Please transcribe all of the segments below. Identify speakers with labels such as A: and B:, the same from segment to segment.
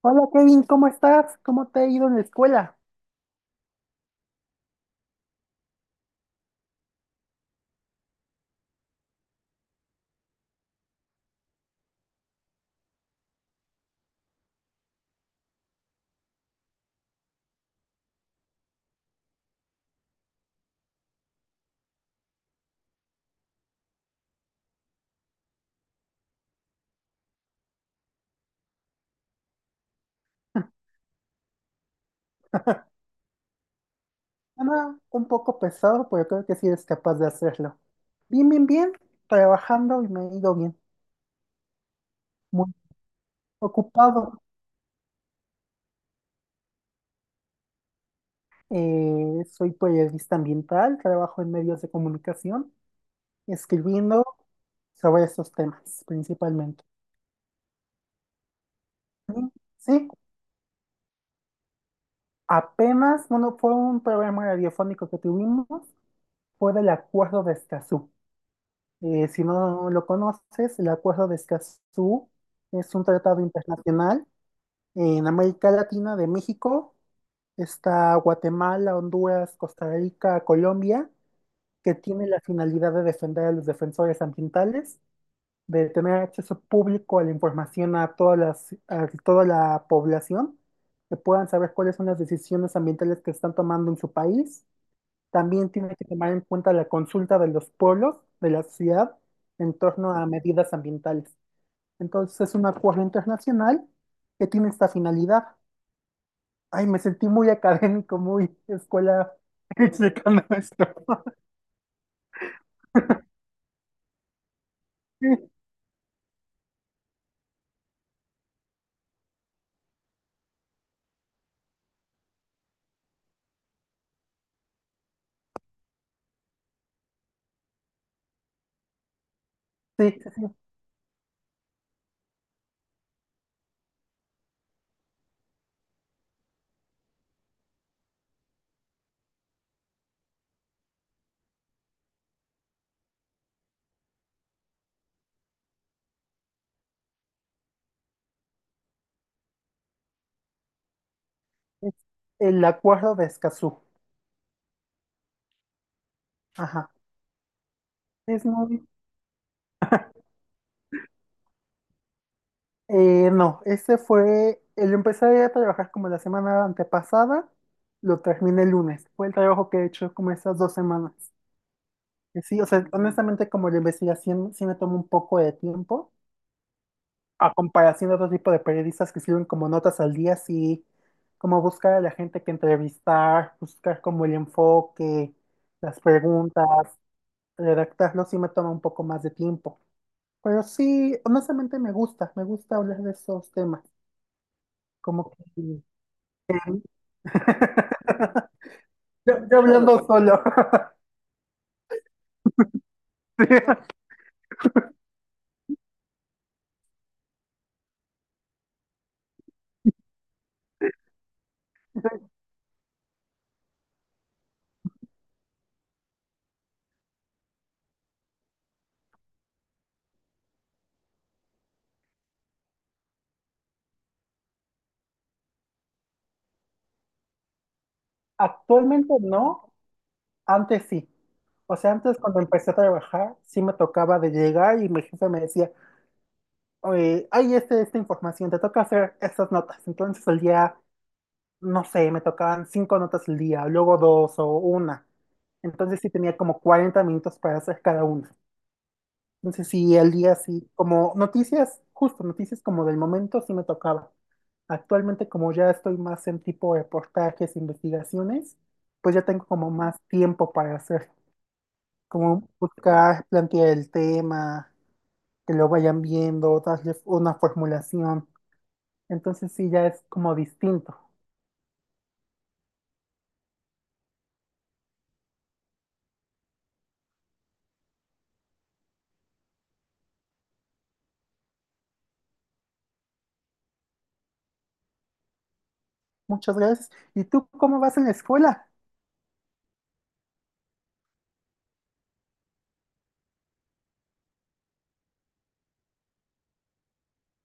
A: Hola Kevin, ¿cómo estás? ¿Cómo te ha ido en la escuela? Nada, un poco pesado, pero creo que sí eres capaz de hacerlo. Bien, bien, bien, trabajando y me ha ido bien. Muy ocupado. Soy periodista ambiental, trabajo en medios de comunicación, escribiendo sobre esos temas principalmente. Sí, sí, apenas, bueno, fue un programa radiofónico que tuvimos, fue del Acuerdo de Escazú. Si no lo conoces, el Acuerdo de Escazú es un tratado internacional en América Latina de México. Está Guatemala, Honduras, Costa Rica, Colombia, que tiene la finalidad de defender a los defensores ambientales, de tener acceso público a la información a todas las- a toda la población, que puedan saber cuáles son las decisiones ambientales que están tomando en su país. También tiene que tomar en cuenta la consulta de los pueblos de la ciudad en torno a medidas ambientales. Entonces es un acuerdo internacional que tiene esta finalidad. Ay, me sentí muy académico, muy escuela explicando esto. Sí, sí, sí. Es el acuerdo de Escazú. Ajá. Es muy... no, ese fue... El empecé a trabajar como la semana antepasada, lo terminé el lunes. Fue el trabajo que he hecho como esas 2 semanas. Sí, o sea, honestamente como la investigación sí me toma un poco de tiempo, a comparación de otro tipo de periodistas que escriben como notas al día, sí, como buscar a la gente que entrevistar, buscar como el enfoque, las preguntas, redactarlo sí me toma un poco más de tiempo. Pero sí, honestamente me gusta hablar de esos temas, como que... Yo hablando solo. Sí. Actualmente no. Antes sí. O sea, antes cuando empecé a trabajar, sí me tocaba de llegar y mi jefe me decía, oye, hay este, esta información, te toca hacer estas notas. Entonces el día, no sé, me tocaban cinco notas al día, luego dos o una. Entonces sí tenía como 40 minutos para hacer cada una. Entonces sí, el día sí, como noticias, justo noticias como del momento sí me tocaba. Actualmente como ya estoy más en tipo reportajes, investigaciones, pues ya tengo como más tiempo para hacer, como buscar, plantear el tema, que lo vayan viendo, darle una formulación. Entonces sí, ya es como distinto. Muchas gracias. ¿Y tú cómo vas en la escuela?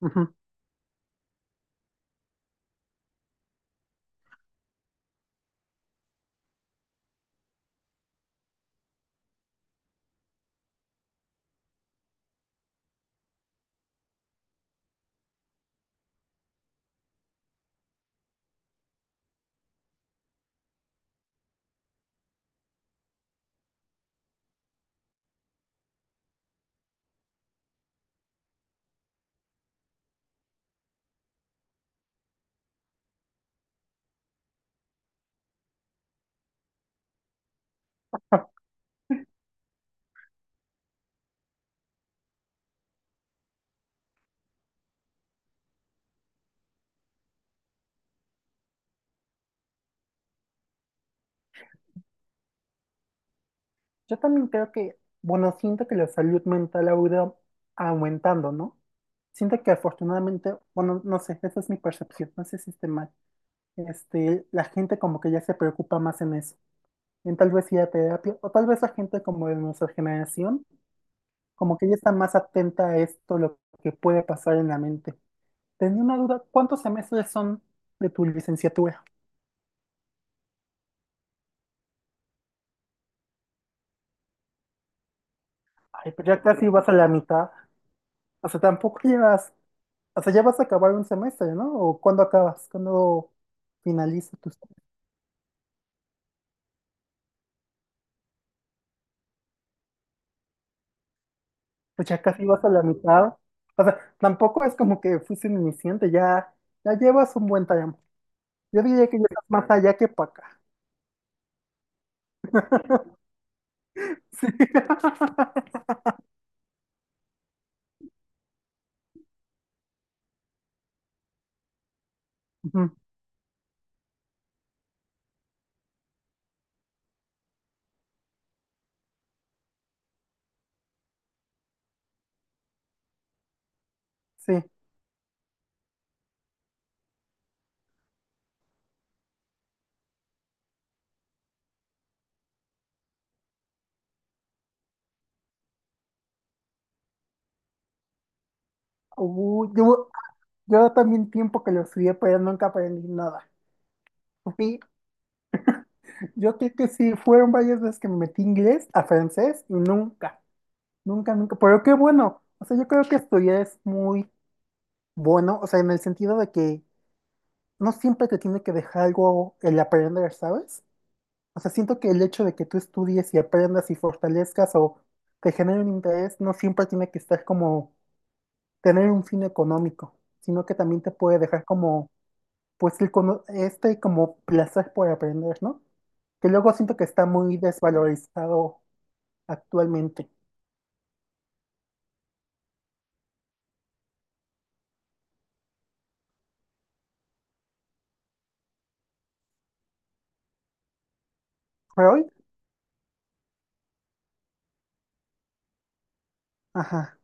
A: Ujú. Yo también creo que, bueno, siento que la salud mental ha ido aumentando, ¿no? Siento que afortunadamente, bueno, no sé, esa es mi percepción, no sé si esté mal. Este, la gente como que ya se preocupa más en eso, en tal vez ir a terapia, o tal vez la gente como de nuestra generación, como que ya está más atenta a esto, lo que puede pasar en la mente. Tenía una duda, ¿cuántos semestres son de tu licenciatura? Ay, pero ya casi vas a la mitad, o sea, tampoco llevas. O sea, ya vas a acabar un semestre, ¿no? ¿O cuándo acabas? ¿Cuándo finaliza tu... estudio? Pues ya casi vas a la mitad. O sea, tampoco es como que fuiste un iniciante, ya, ya llevas un buen tiempo. Yo diría que ya estás más allá que para acá. Sí. Ujú, sí. Uy, yo también tiempo que lo estudié, pero nunca aprendí nada. Sí, yo creo que sí, fueron varias veces que me metí inglés a francés y nunca, nunca, nunca. Pero qué bueno. O sea, yo creo que estudiar es muy... Bueno, o sea, en el sentido de que no siempre te tiene que dejar algo el aprender, ¿sabes? O sea, siento que el hecho de que tú estudies y aprendas y fortalezcas o te genere un interés no siempre tiene que estar como tener un fin económico, sino que también te puede dejar como, pues, el cono-, este, como placer por aprender, ¿no? Que luego siento que está muy desvalorizado actualmente. Freud, ajá,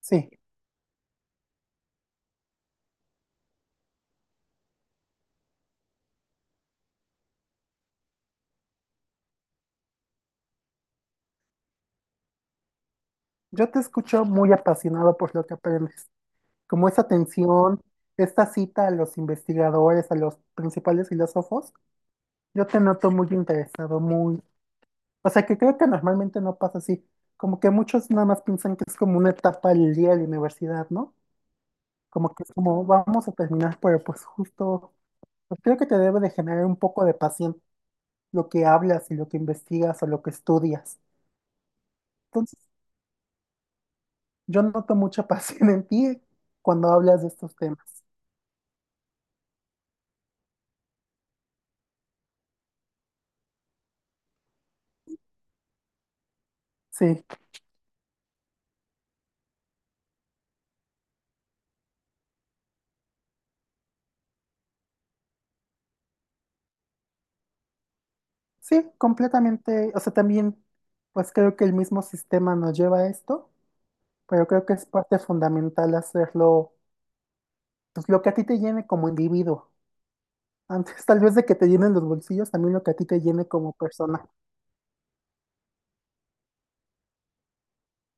A: sí. Yo te escucho muy apasionado por lo que aprendes, como esa tensión, esta cita a los investigadores, a los principales filósofos. Yo te noto muy interesado, muy... O sea, que creo que normalmente no pasa así. Como que muchos nada más piensan que es como una etapa del día de la universidad, ¿no? Como que es como, vamos a terminar, pero pues justo, pues creo que te debe de generar un poco de pasión lo que hablas y lo que investigas o lo que estudias. Entonces, yo noto mucha pasión en ti cuando hablas de estos temas. Sí. Sí, completamente. O sea, también, pues creo que el mismo sistema nos lleva a esto, pero creo que es parte fundamental hacerlo, pues lo que a ti te llene como individuo. Antes, tal vez de que te llenen los bolsillos, también lo que a ti te llene como persona.